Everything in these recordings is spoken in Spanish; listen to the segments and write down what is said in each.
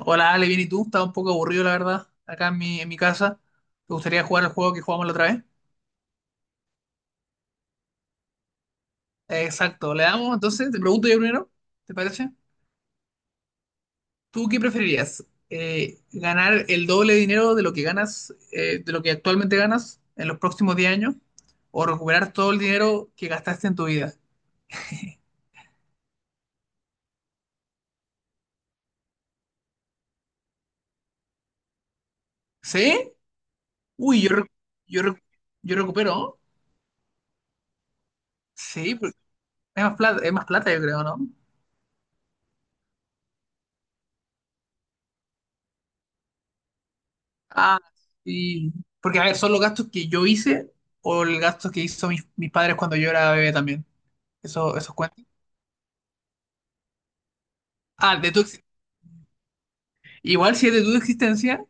Hola Ale, bien, ¿y tú? Estaba un poco aburrido, la verdad, acá en mi casa. ¿Te gustaría jugar el juego que jugamos la otra vez? Exacto, le damos entonces, te pregunto yo primero, ¿te parece? ¿Tú qué preferirías? ¿Ganar el doble de dinero de lo que ganas, de lo que actualmente ganas en los próximos 10 años? ¿O recuperar todo el dinero que gastaste en tu vida? ¿Sí? Uy, yo, yo, recu- recupero, ¿no? Sí, pero es más plata, yo creo, ¿no? Ah, sí. Porque, a ver, son los gastos que yo hice o el gasto que hizo mis padres cuando yo era bebé también. Eso, esos cuentan. Ah, igual si es de tu existencia,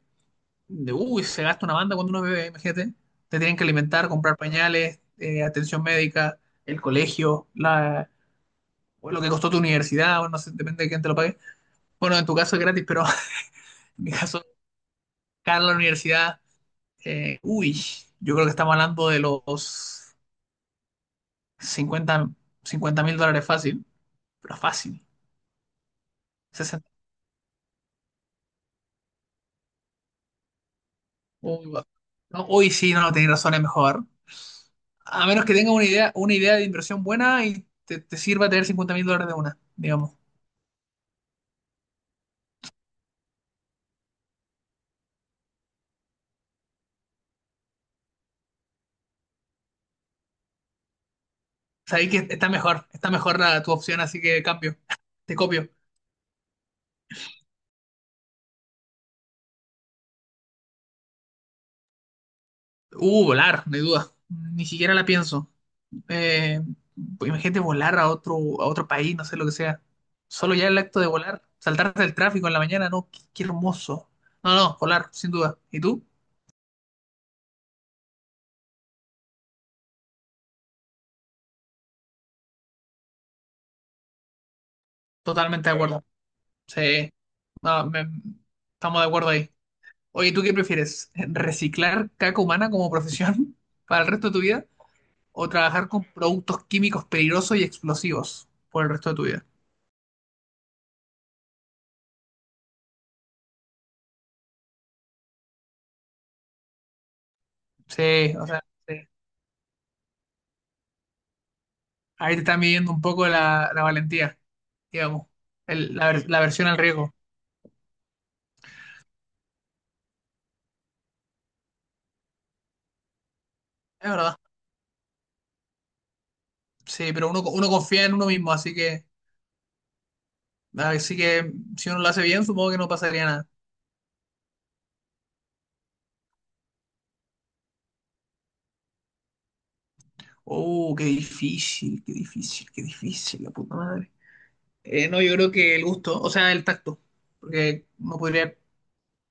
de uy, se gasta una banda cuando uno es bebé, imagínate. Te tienen que alimentar, comprar pañales, atención médica, el colegio, o lo que costó tu universidad, o no sé, depende de quién te lo pague. Bueno, en tu caso es gratis, pero en mi caso, cara a la universidad, uy, yo creo que estamos hablando de los cincuenta cincuenta mil dólares fácil. Pero fácil. 60. Uy, va. No, hoy sí, no, tenéis razón, es mejor. A menos que tenga una idea de inversión buena y te sirva tener 50.000 dólares de una, digamos. Sabéis que está mejor tu opción, así que cambio. Te copio. Volar, no hay duda. Ni siquiera la pienso. Eh, pues imagínate volar a a otro país, no sé lo que sea. Solo ya el acto de volar, saltarte el tráfico en la mañana, no, qué, qué hermoso. No, no, volar, sin duda. ¿Y tú? Totalmente de acuerdo. Sí, no, estamos de acuerdo ahí. Oye, ¿tú qué prefieres? ¿Reciclar caca humana como profesión para el resto de tu vida o trabajar con productos químicos peligrosos y explosivos por el resto de tu vida? Sí, o sea, sí. Ahí te están midiendo un poco la valentía, digamos, la versión al riesgo. Es verdad. Sí, pero uno confía en uno mismo, así que si uno lo hace bien, supongo que no pasaría nada. Oh, qué difícil, qué difícil, qué difícil, la puta madre. No, yo creo que el gusto, o sea, el tacto, porque no podría,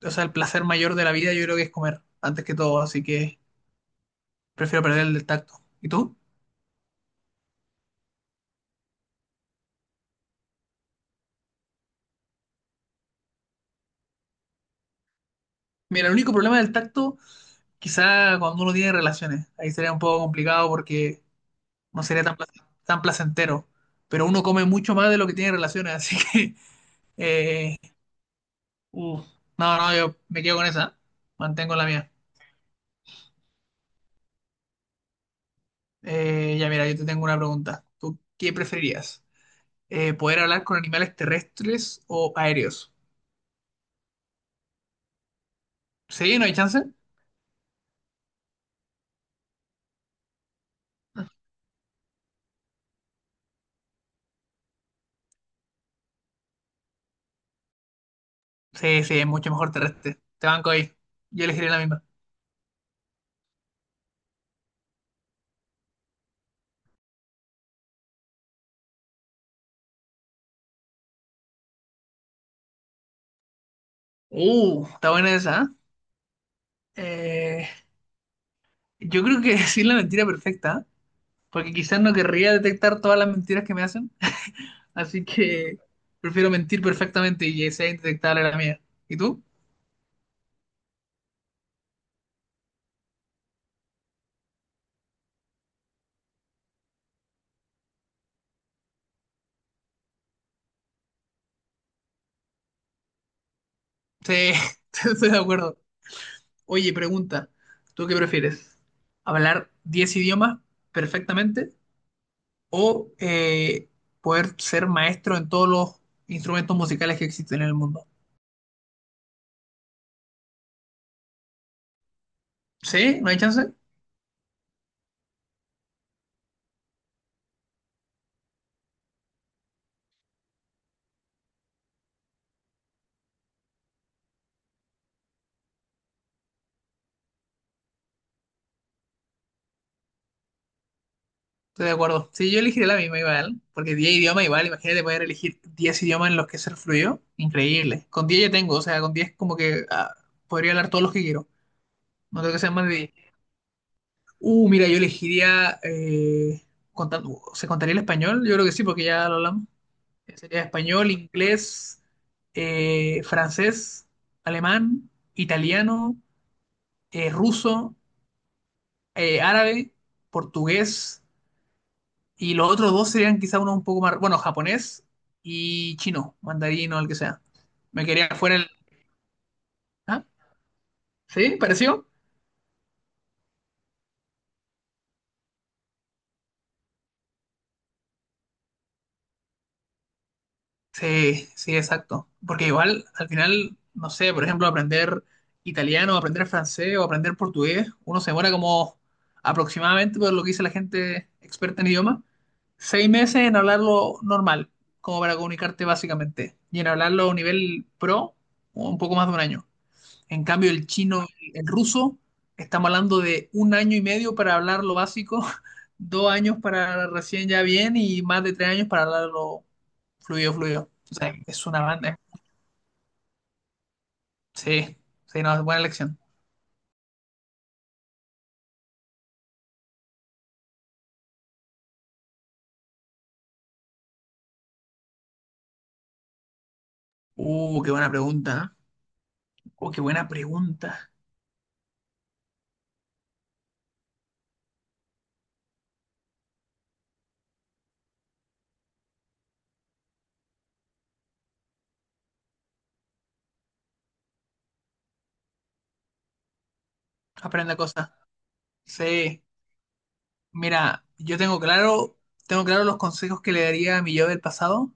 o sea, el placer mayor de la vida yo creo que es comer, antes que todo, así que prefiero perder el del tacto. ¿Y tú? Mira, el único problema del tacto, quizá cuando uno tiene relaciones, ahí sería un poco complicado porque no sería tan, tan placentero, pero uno come mucho más de lo que tiene relaciones, así que, eh, uf, no, no, yo me quedo con esa, mantengo la mía. Ya mira, yo te tengo una pregunta, ¿tú qué preferirías? Poder hablar con animales terrestres o aéreos. Sí, no hay chance. Sí, sí, es mucho mejor terrestre. Te banco ahí. Yo elegiría la misma. Está buena esa. ¿Eh? Yo creo que decir la mentira perfecta, ¿eh? Porque quizás no querría detectar todas las mentiras que me hacen. Así que prefiero mentir perfectamente y que sea indetectable la mía. ¿Y tú? Sí, estoy de acuerdo. Oye, pregunta, ¿tú qué prefieres? ¿Hablar 10 idiomas perfectamente o poder ser maestro en todos los instrumentos musicales que existen en el mundo? ¿Sí? ¿No hay chance? Estoy de acuerdo. Sí, yo elegiré la misma igual, porque 10 idiomas igual, imagínate poder elegir 10 idiomas en los que ser fluido, increíble. Con 10 ya tengo, o sea, con 10 como que ah, podría hablar todos los que quiero, no tengo que ser más de 10. Mira, yo elegiría, contan- ¿se contaría el español? Yo creo que sí, porque ya lo hablamos. Sería español, inglés, francés, alemán, italiano, ruso, árabe, portugués, y los otros dos serían quizá uno un poco más, bueno, japonés y chino, mandarín o el que sea. Me quería fuera el. ¿Ah? ¿Sí? ¿Pareció? Sí, sí, exacto. Porque igual, al final, no sé, por ejemplo, aprender italiano, aprender francés o aprender portugués, uno se demora como aproximadamente, por lo que dice la gente experta en idioma, 6 meses en hablarlo normal, como para comunicarte básicamente. Y en hablarlo a un nivel pro, un poco más de un año. En cambio, el chino, el ruso, estamos hablando de un año y medio para hablar lo básico, 2 años para recién ya bien y más de 3 años para hablarlo fluido, fluido. O sea, es una banda. Sí, sí, no, es buena elección. Qué buena pregunta. ¿Eh? Qué buena pregunta. Aprende cosas. Sí. Mira, yo tengo claro los consejos que le daría a mi yo del pasado,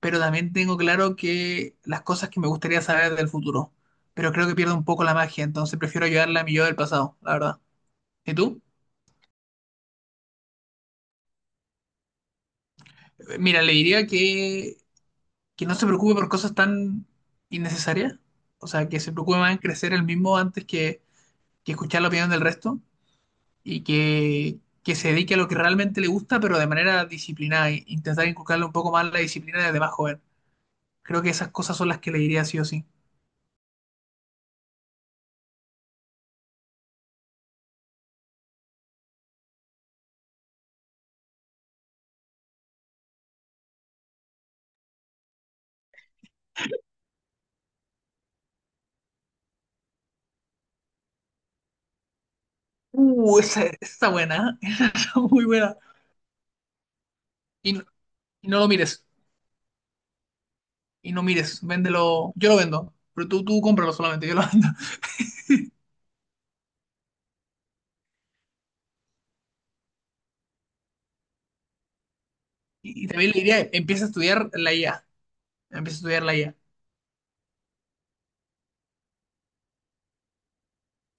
pero también tengo claro que las cosas que me gustaría saber del futuro. Pero creo que pierdo un poco la magia, entonces prefiero ayudarle a mi yo del pasado, la verdad. ¿Y tú? Mira le diría que no se preocupe por cosas tan innecesarias. O sea, que se preocupe más en crecer el mismo antes que, escuchar la opinión del resto y que se dedique a lo que realmente le gusta, pero de manera disciplinada. E intentar inculcarle un poco más la disciplina desde más joven. Creo que esas cosas son las que le diría sí o sí. Esa está buena, ¿eh? Esa está muy buena. Y no, y no lo mires, y no mires, véndelo. Yo lo vendo, pero tú cómpralo solamente, yo lo vendo. Y también le diría, empieza a estudiar la IA, empieza a estudiar la IA.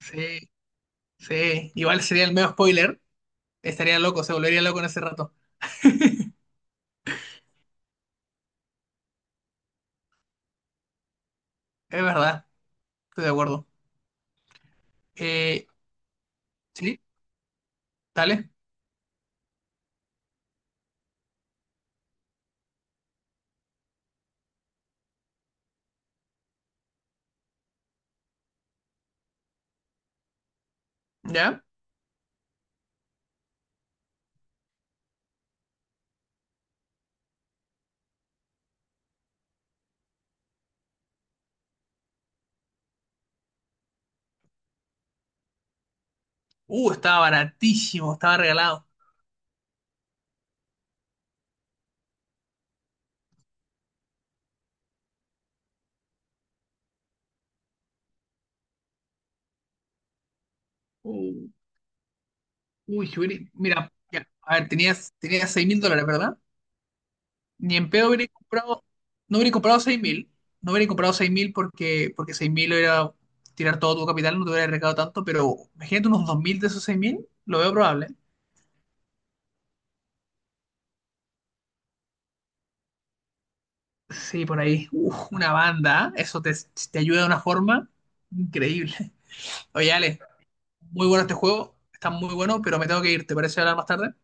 Sí, sí, igual sería el medio spoiler, estaría loco, se volvería loco en ese rato. Es verdad, estoy de acuerdo. Eh, sí, dale, ya. Estaba baratísimo, estaba regalado. Uh, Uy, Yuri, mira, ya, a ver, tenías 6.000 dólares, ¿verdad? Ni en pedo hubiera comprado, no hubiera comprado 6.000 no hubiera comprado 6.000 porque, 6.000 era tirar todo tu capital, no te hubiera arriesgado tanto, pero imagínate unos 2.000 de esos 6.000 lo veo probable. Sí, por ahí, uf, una banda, ¿eh? Eso te, ayuda de una forma increíble. Oye, Ale, muy bueno este juego, está muy bueno, pero me tengo que ir, ¿te parece hablar más tarde?